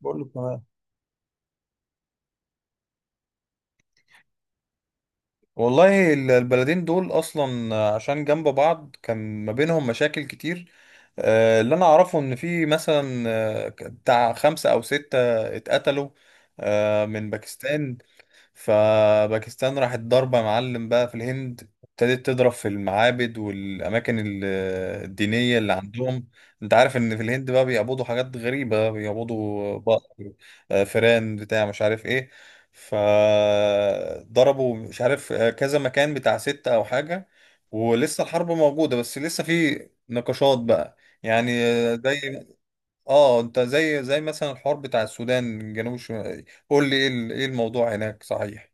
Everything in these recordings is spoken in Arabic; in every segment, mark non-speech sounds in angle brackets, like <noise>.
بقول لك تمام. والله البلدين دول اصلا عشان جنب بعض كان ما بينهم مشاكل كتير. اللي انا اعرفه ان في مثلا بتاع خمسة او ستة اتقتلوا من باكستان. فباكستان راحت ضاربة معلم بقى في الهند، ابتدت تضرب في المعابد والأماكن الدينية اللي عندهم. انت عارف ان في الهند بقى بيعبدوا حاجات غريبة، بيعبدوا بقر، فيران، بتاع مش عارف ايه. فضربوا مش عارف كذا مكان بتاع ستة او حاجة. ولسه الحرب موجودة، بس لسه في نقاشات بقى. يعني زي. اه، انت زي مثلا الحوار بتاع السودان، جنوب الشمال، قول لي ايه ايه الموضوع هناك، صحيح؟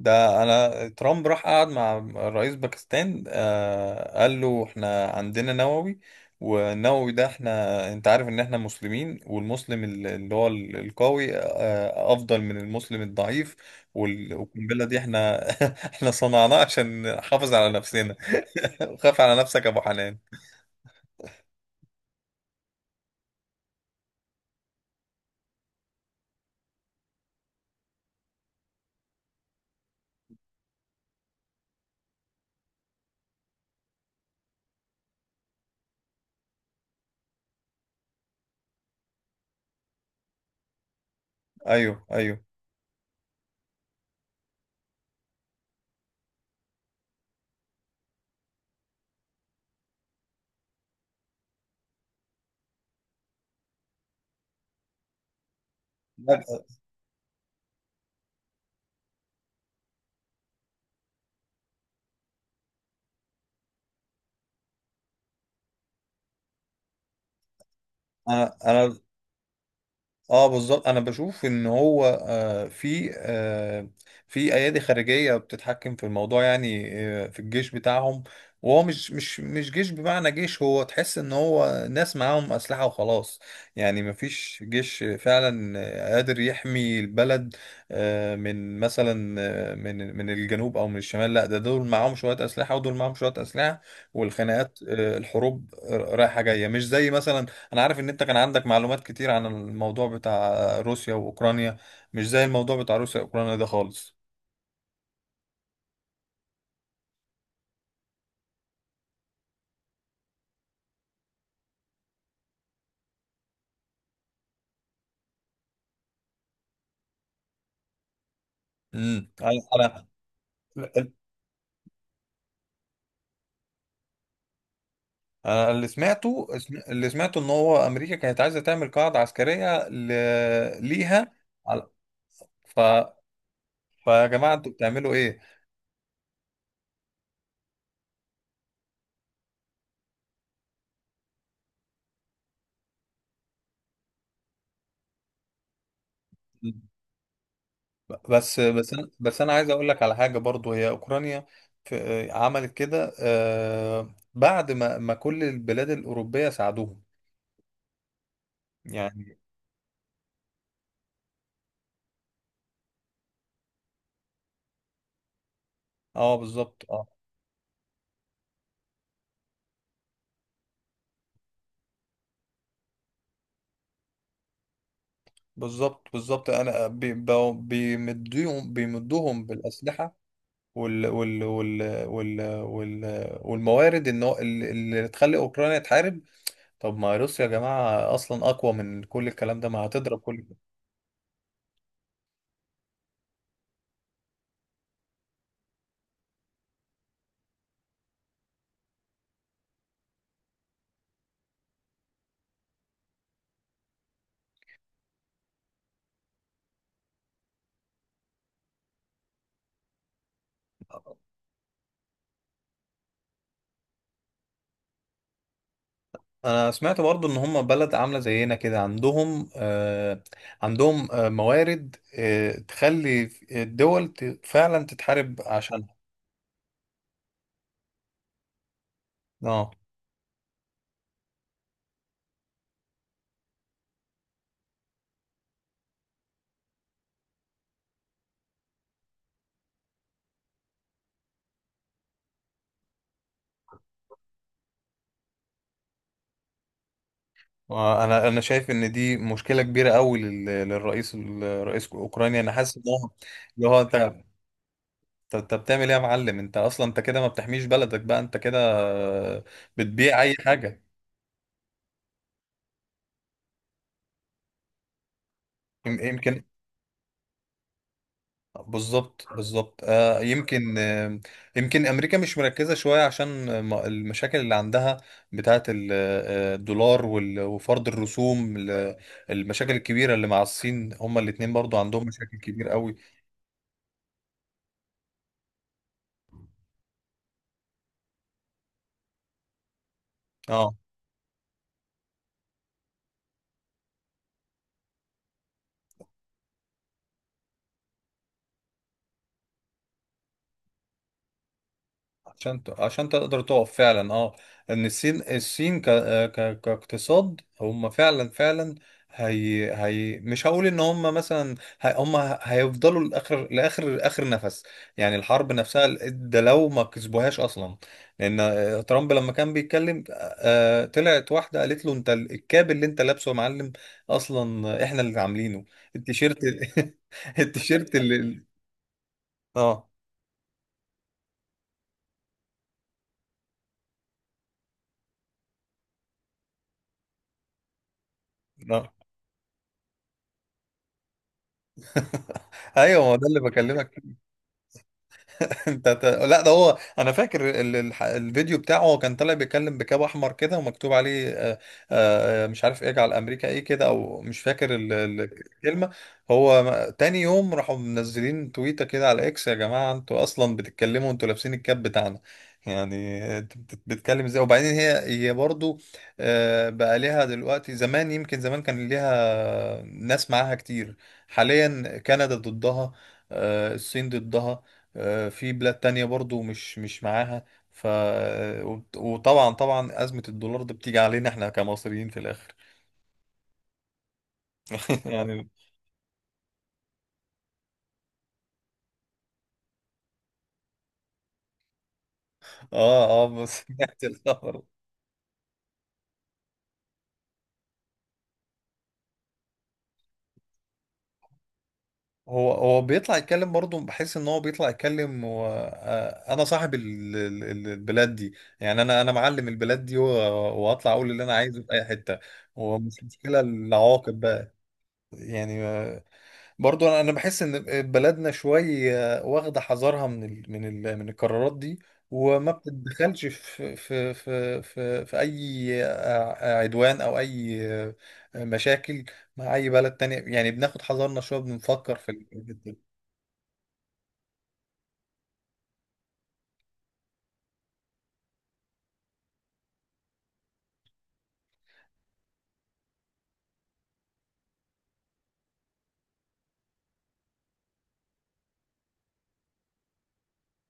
ده انا ترامب راح قعد مع رئيس باكستان، قال له احنا عندنا نووي. والنووي ده احنا، انت عارف ان احنا مسلمين، والمسلم اللي هو القوي افضل من المسلم الضعيف. والقنبله دي احنا <laughs> احنا صنعناها عشان نحافظ على نفسنا. <laughs> خاف على نفسك يا ابو حنان. ايوه، ايوه. لا، انا انا. اه، بالظبط. انا بشوف ان هو في ايادي خارجيه بتتحكم في الموضوع، يعني في الجيش بتاعهم. وهو مش جيش بمعنى جيش، هو تحس ان هو ناس معاهم اسلحه وخلاص. يعني مفيش جيش فعلا قادر يحمي البلد من مثلا من الجنوب او من الشمال. لا، ده دول معاهم شويه اسلحه ودول معاهم شويه اسلحه، والخناقات الحروب رايحه جايه، مش زي مثلا. انا عارف ان انت كان عندك معلومات كتير عن الموضوع بتاع روسيا واوكرانيا. مش زي الموضوع بتاع روسيا واوكرانيا ده خالص. انا. لا. أنا اللي سمعته ان هو امريكا كانت عايزه تعمل قاعده عسكريه ليها. على- ف فيا جماعه، انتوا بتعملوا ايه؟ بس انا عايز اقول لك على حاجه. برضو هي اوكرانيا عملت كده بعد ما كل البلاد الاوروبيه ساعدوهم، يعني. اه، بالظبط. بالظبط، بالظبط. انا بيمدوهم بالاسلحه وال وال وال وال وال والموارد ان هو اللي تخلي اوكرانيا تحارب. طب ما روسيا يا جماعه اصلا اقوى من كل الكلام ده، ما هتضرب كل ده. انا سمعت برضو ان هم بلد عامله زينا كده، عندهم موارد تخلي الدول فعلا تتحارب عشانها. اه. انا شايف ان دي مشكله كبيره قوي للرئيس اوكرانيا. انا حاسس ان هو اللي هو انت. طب انت بتعمل ايه يا معلم؟ انت اصلا انت كده ما بتحميش بلدك، بقى انت كده بتبيع اي حاجه. يمكن. بالظبط، بالظبط. يمكن امريكا مش مركزه شويه، عشان المشاكل اللي عندها بتاعه الدولار وفرض الرسوم المشاكل الكبيره اللي مع الصين. هما الاتنين برضو عندهم مشاكل كبيره قوي. اه، عشان تقدر تقف فعلا، اه، ان الصين كاقتصاد هم فعلا، فعلا. هي مش هقول ان هم مثلا هم هيفضلوا لاخر نفس، يعني الحرب نفسها ده لو ما كسبوهاش اصلا. لان ترامب لما كان بيتكلم. طلعت واحده قالت له: انت الكاب اللي انت لابسه يا معلم اصلا احنا اللي عاملينه، التيشيرت. <laughs> التيشيرت اللي. اه، اه. <laughs> ايوه، ما هو ده اللي بكلمك. <laughs> لا، ده هو. انا فاكر الفيديو بتاعه، هو كان طالع بيتكلم بكاب احمر كده ومكتوب عليه مش عارف اجعل امريكا ايه كده، او مش فاكر الكلمه. هو تاني يوم راحوا منزلين تويته كده على اكس: يا جماعه انتوا اصلا بتتكلموا، انتوا لابسين الكاب بتاعنا، يعني انت بتتكلم ازاي؟ وبعدين هي برضو بقى ليها دلوقتي. زمان يمكن زمان كان ليها ناس معاها كتير، حاليا كندا ضدها، الصين ضدها، في بلاد تانية برضو مش معاها. ف وطبعا، طبعا أزمة الدولار دي بتيجي علينا احنا كمصريين في الآخر، <laughs> يعني. اه، اه، بس <laughs> سمعت الخبر. هو بيطلع يتكلم برضه، بحس ان هو بيطلع يتكلم و... آه، انا صاحب البلاد دي، يعني انا معلم البلاد دي. واطلع اقول اللي انا عايزه في اي حتة، ومش مشكلة العواقب بقى. يعني برضو انا، أنا بحس ان بلدنا شويه واخده حذرها من القرارات دي، وما بتتدخلش في اي عدوان او اي مشاكل مع اي بلد تانية. يعني بناخد حذرنا شويه، بنفكر في الحاجات دي.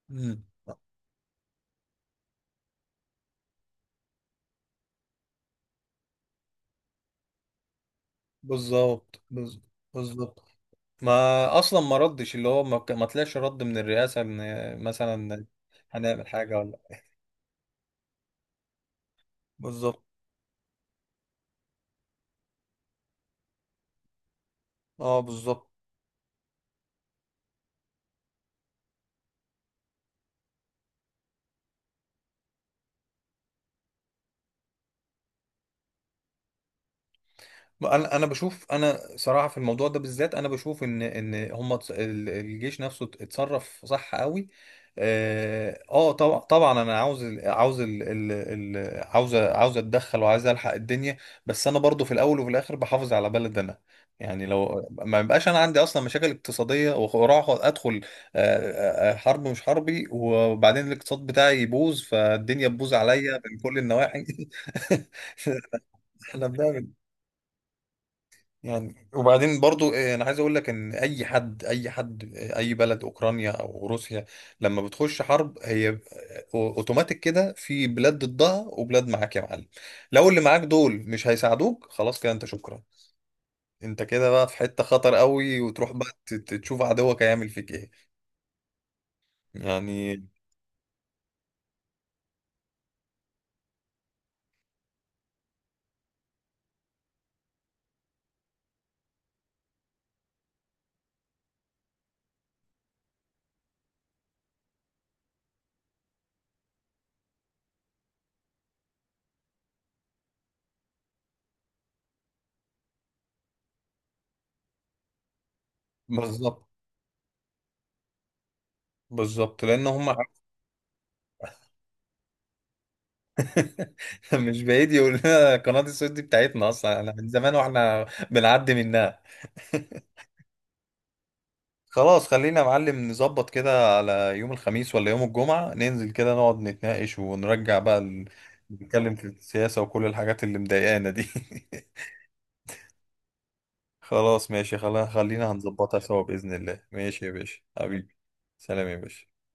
مم. بالظبط. بالظبط. ما اصلا ما ردش. اللي هو ما طلعش رد من الرئاسه ان مثلا هنعمل حاجه ولا. بالظبط. اه، بالظبط. انا بشوف، انا صراحه في الموضوع ده بالذات انا بشوف ان هم الجيش نفسه اتصرف صح قوي. اه طبعا، طبعا. انا عاوز ال- عاوز ال ال ال عاوز عاوز اتدخل، وعاوز الحق الدنيا، بس انا برضو في الاول وفي الاخر بحافظ على بلد انا، يعني. لو ما يبقاش انا عندي اصلا مشاكل اقتصاديه واروح ادخل حرب مش حربي، وبعدين الاقتصاد بتاعي يبوظ، فالدنيا تبوظ عليا من كل النواحي. <laughs> احنا بنعمل، يعني. وبعدين برضو انا عايز اقول لك ان اي حد، اي حد، اي بلد، اوكرانيا او روسيا، لما بتخش حرب، هي اوتوماتيك كده في بلاد ضدها وبلاد معاك يا معلم. لو اللي معاك دول مش هيساعدوك، خلاص كده انت شكرا. انت كده بقى في حتة خطر قوي، وتروح بقى تشوف عدوك هيعمل فيك ايه، يعني. بالظبط، بالظبط، لان هم. <laughs> مش بعيد يقول لنا قناة السويس دي بتاعتنا اصلا، احنا من زمان واحنا بنعدي منها. خلاص، خلينا يا معلم نظبط كده على يوم الخميس ولا يوم الجمعة، ننزل كده نقعد نتناقش ونرجع بقى نتكلم في السياسة وكل الحاجات اللي مضايقانا دي. <laughs> خلاص ماشي. خلينا هنظبطها سوا بإذن الله. ماشي يا باشا، حبيبي. سلام يا باشا.